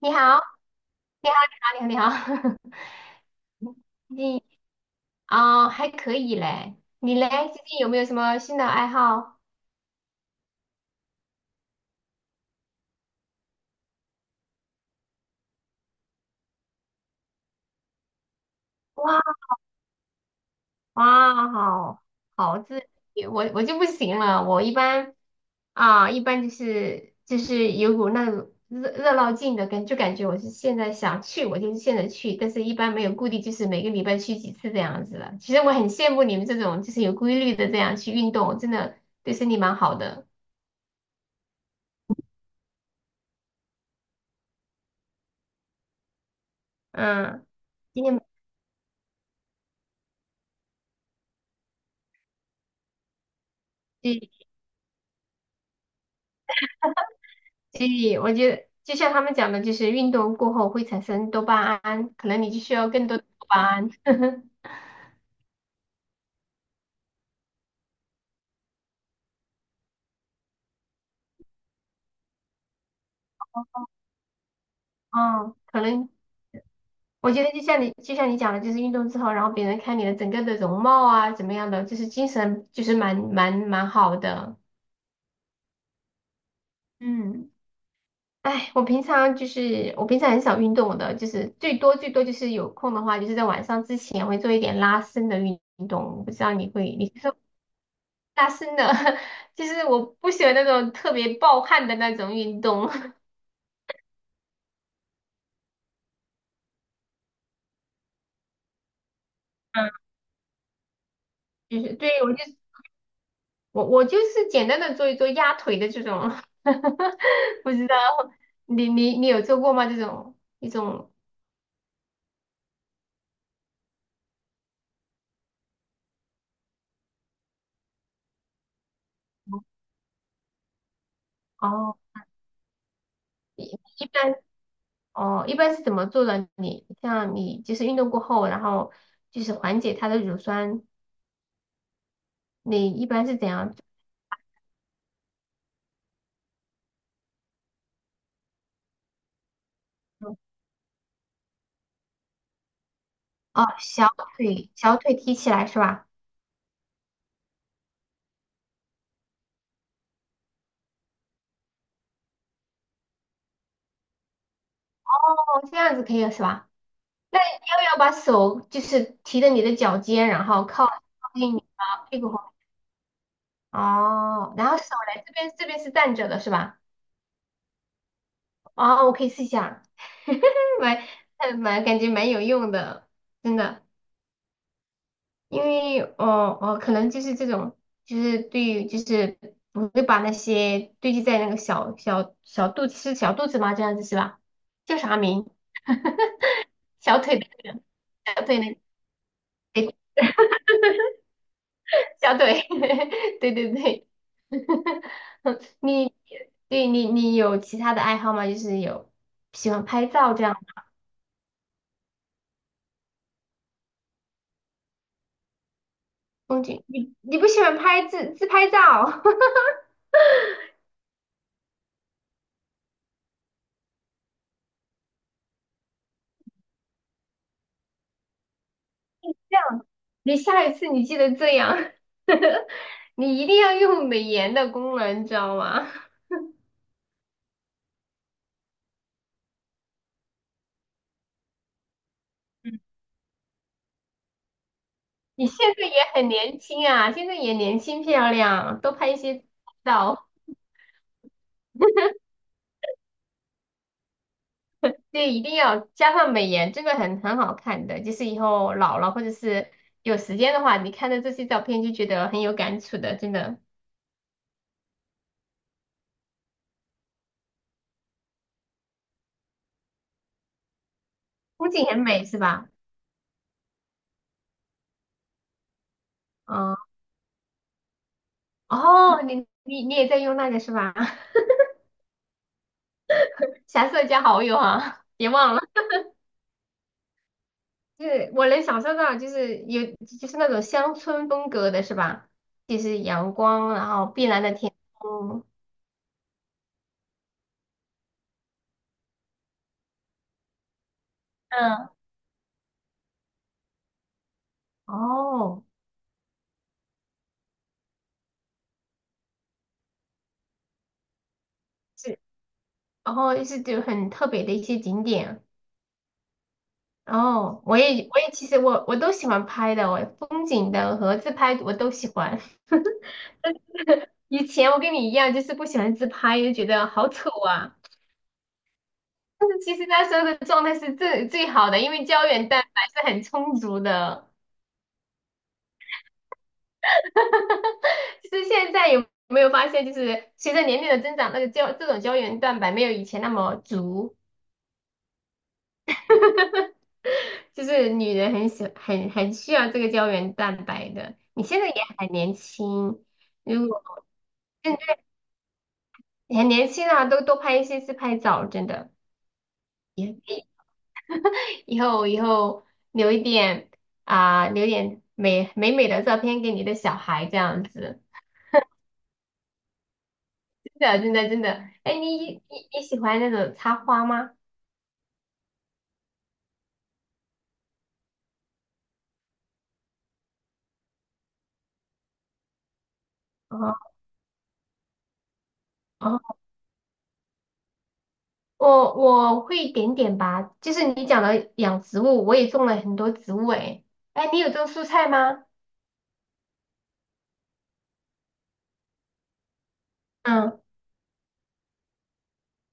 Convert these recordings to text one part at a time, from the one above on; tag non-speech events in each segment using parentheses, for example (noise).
你好，你好，你好，你好，你好。 (laughs) 最近还可以嘞。你嘞，最近有没有什么新的爱好？哇，哇，好，好自律，我就不行了。我一般一般就是有股那种热热闹劲的感，就感觉我是现在想去，我就是现在去，但是一般没有固定，就是每个礼拜去几次这样子了。其实我很羡慕你们这种就是有规律的这样去运动，真的对身体蛮好的。嗯，今天。所以我觉得，就像他们讲的，就是运动过后会产生多巴胺，可能你就需要更多的多巴胺。(laughs) 嗯，可能我觉得就像你讲的，就是运动之后，然后别人看你的整个的容貌啊，怎么样的，就是精神就是蛮好的。嗯，哎，我平常很少运动的，就是最多就是有空的话，就是在晚上之前会做一点拉伸的运动。我不知道你会，你是拉伸的，(laughs) 就是我不喜欢那种特别暴汗的那种运动，(laughs) 嗯，就是对我就是我就是简单的做一做压腿的这种，(laughs) 不知道你有做过吗？这种一种。哦，一一般，哦一般是怎么做的？你像你就是运动过后，然后就是缓解它的乳酸，你一般是怎样做？哦，小腿，提起来是吧？哦，这样子可以了是吧？那你要不要把手就是提着你的脚尖，然后靠，近你的屁股后面？哦，然后手来这边，这边是站着的是吧？哦，我可以试一下，(laughs) 蛮，感觉蛮有用的，真的。因为哦，可能就是这种，就是对于就是不会把那些堆积在那个小肚子，是小肚子吗？这样子是吧？叫啥名？小腿的那个，小腿那个。小腿，(laughs) 对，(laughs) 你，对，有其他的爱好吗？就是有喜欢拍照这样的。风景，你不喜欢拍自，拍照，(laughs) 你下一次你记得这样，(laughs) 你一定要用美颜的功能，你知道吗？嗯，你现在也很年轻啊，现在也年轻漂亮，多拍一些照。对，一定要加上美颜，真的很好看的。就是以后老了或者是有时间的话，你看到这些照片就觉得很有感触的，真的，风景很美是吧？嗯，哦，你，也在用那个是吧？(laughs) 霞色加好友啊，别忘了，就是我能想象到，就是有就是那种乡村风格的是吧？就是阳光，然后碧蓝的天空，嗯，哦，是，然后就是就很特别的一些景点。哦，我也，其实我都喜欢拍的，我风景的和自拍我都喜欢。(laughs) 以前我跟你一样，就是不喜欢自拍，就觉得好丑啊。但是其实那时候的状态是最，好的，因为胶原蛋白是很充足的。就是现在有没有发现，就是随着年龄的增长，那个胶，这种原蛋白没有以前那么足，就是女人很喜，很需要这个胶原蛋白的。你现在也很年轻，如果。很年轻啊，都多拍一些自拍照，真的也可以。以后，留一点留点美，的照片给你的小孩，这样子，真的，哎，你喜欢那种插花吗？哦，哦，我会一点点吧，就是你讲的养植物，我也种了很多植物诶。哎，你有种蔬菜吗？嗯，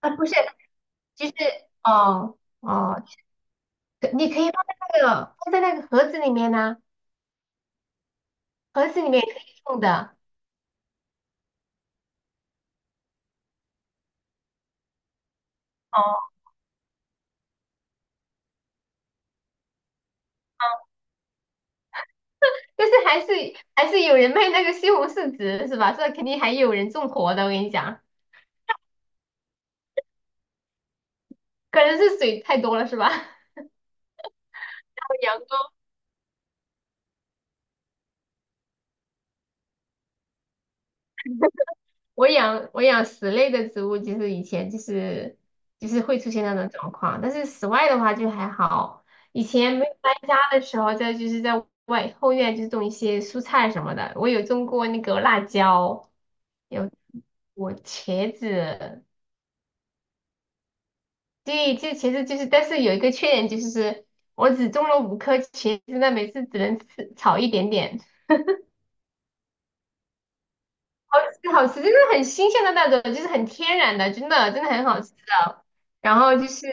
啊不是，就是，哦，可你可以放在那个，盒子里面呢、盒子里面也可以种的。哦，但是还是，有人卖那个西红柿籽是吧？这肯定还有人种活的，我跟你讲，可能是水太多了是吧？(laughs) 还有阳光，我养室内的植物，就是以前就是会出现那种状况，但是室外的话就还好。以前没有搬家的时候，就是在外后院就种一些蔬菜什么的，我有种过那个辣椒，有我茄子，对，这其实就是，但是有一个缺点就是，我只种了五颗茄子，那每次只能吃炒一点点，好吃，真的很新鲜的那种，就是很天然的，真的很好吃的。然后就是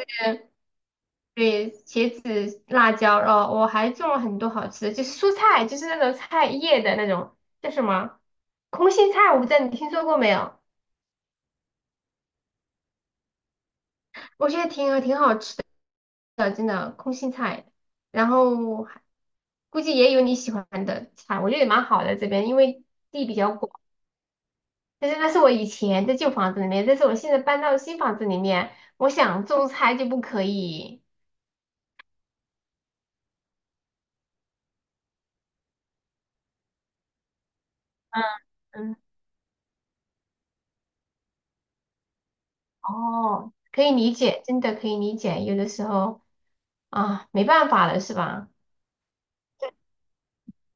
对茄子、辣椒，哦，我还种了很多好吃的，就是蔬菜，就是那种菜叶的那种叫什么，空心菜，我不知道你听说过没有？我觉得挺好吃的，真的空心菜，然后还估计也有你喜欢的菜，我觉得也蛮好的这边，因为地比较广。但是那是我以前在旧房子里面，但是我现在搬到新房子里面，我想种菜就不可以。嗯，嗯，哦，可以理解，真的可以理解，有的时候啊，没办法了，是吧？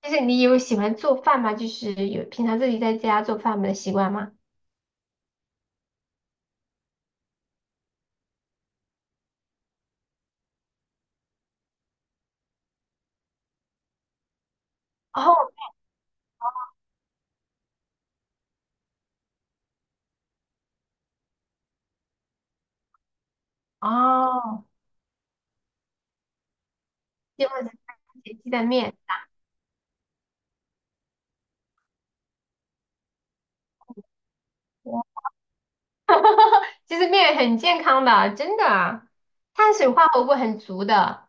就是你有喜欢做饭吗？就是有平常自己在家做饭的习惯吗？哦，哦，就或者鸡蛋面。其实面很健康的，真的啊，碳水化合物很足的。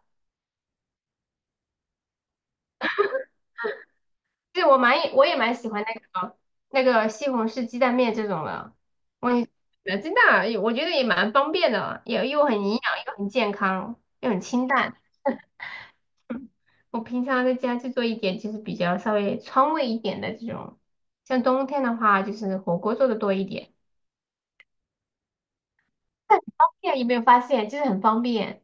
就是我也蛮喜欢那个，西红柿鸡蛋面这种的，我也真的啊我觉得也蛮方便的，也又很营养，又很健康，又很清淡。(laughs) 我平常在家就做一点，就是比较稍微川味一点的这种。像冬天的话，就是火锅做的多一点，但很方便，有没有发现？就是很方便。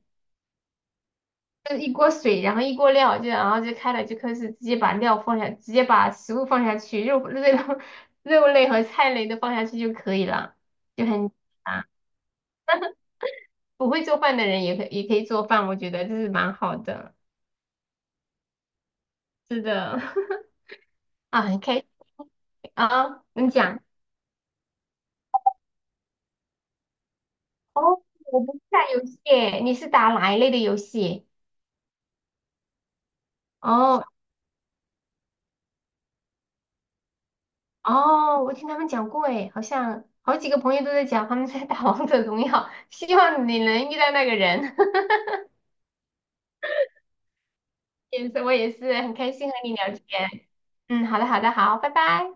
就一锅水，然后一锅料，就然后就开了，就开始直接把料放下，直接把食物放下去，肉类 (laughs) 肉类和菜类都放下去就可以了，就很啊，不会做饭的人也可以做饭，我觉得这是蛮好的，是的，(laughs) 啊，很开心啊，你讲。哦，我不是打游戏耶，你是打哪一类的游戏？哦，哦，我听他们讲过诶，好像好几个朋友都在讲他们在打王者荣耀，希望你能遇到那个人。(laughs) 也是，我也是很开心和你聊天。嗯，好的，好，拜拜。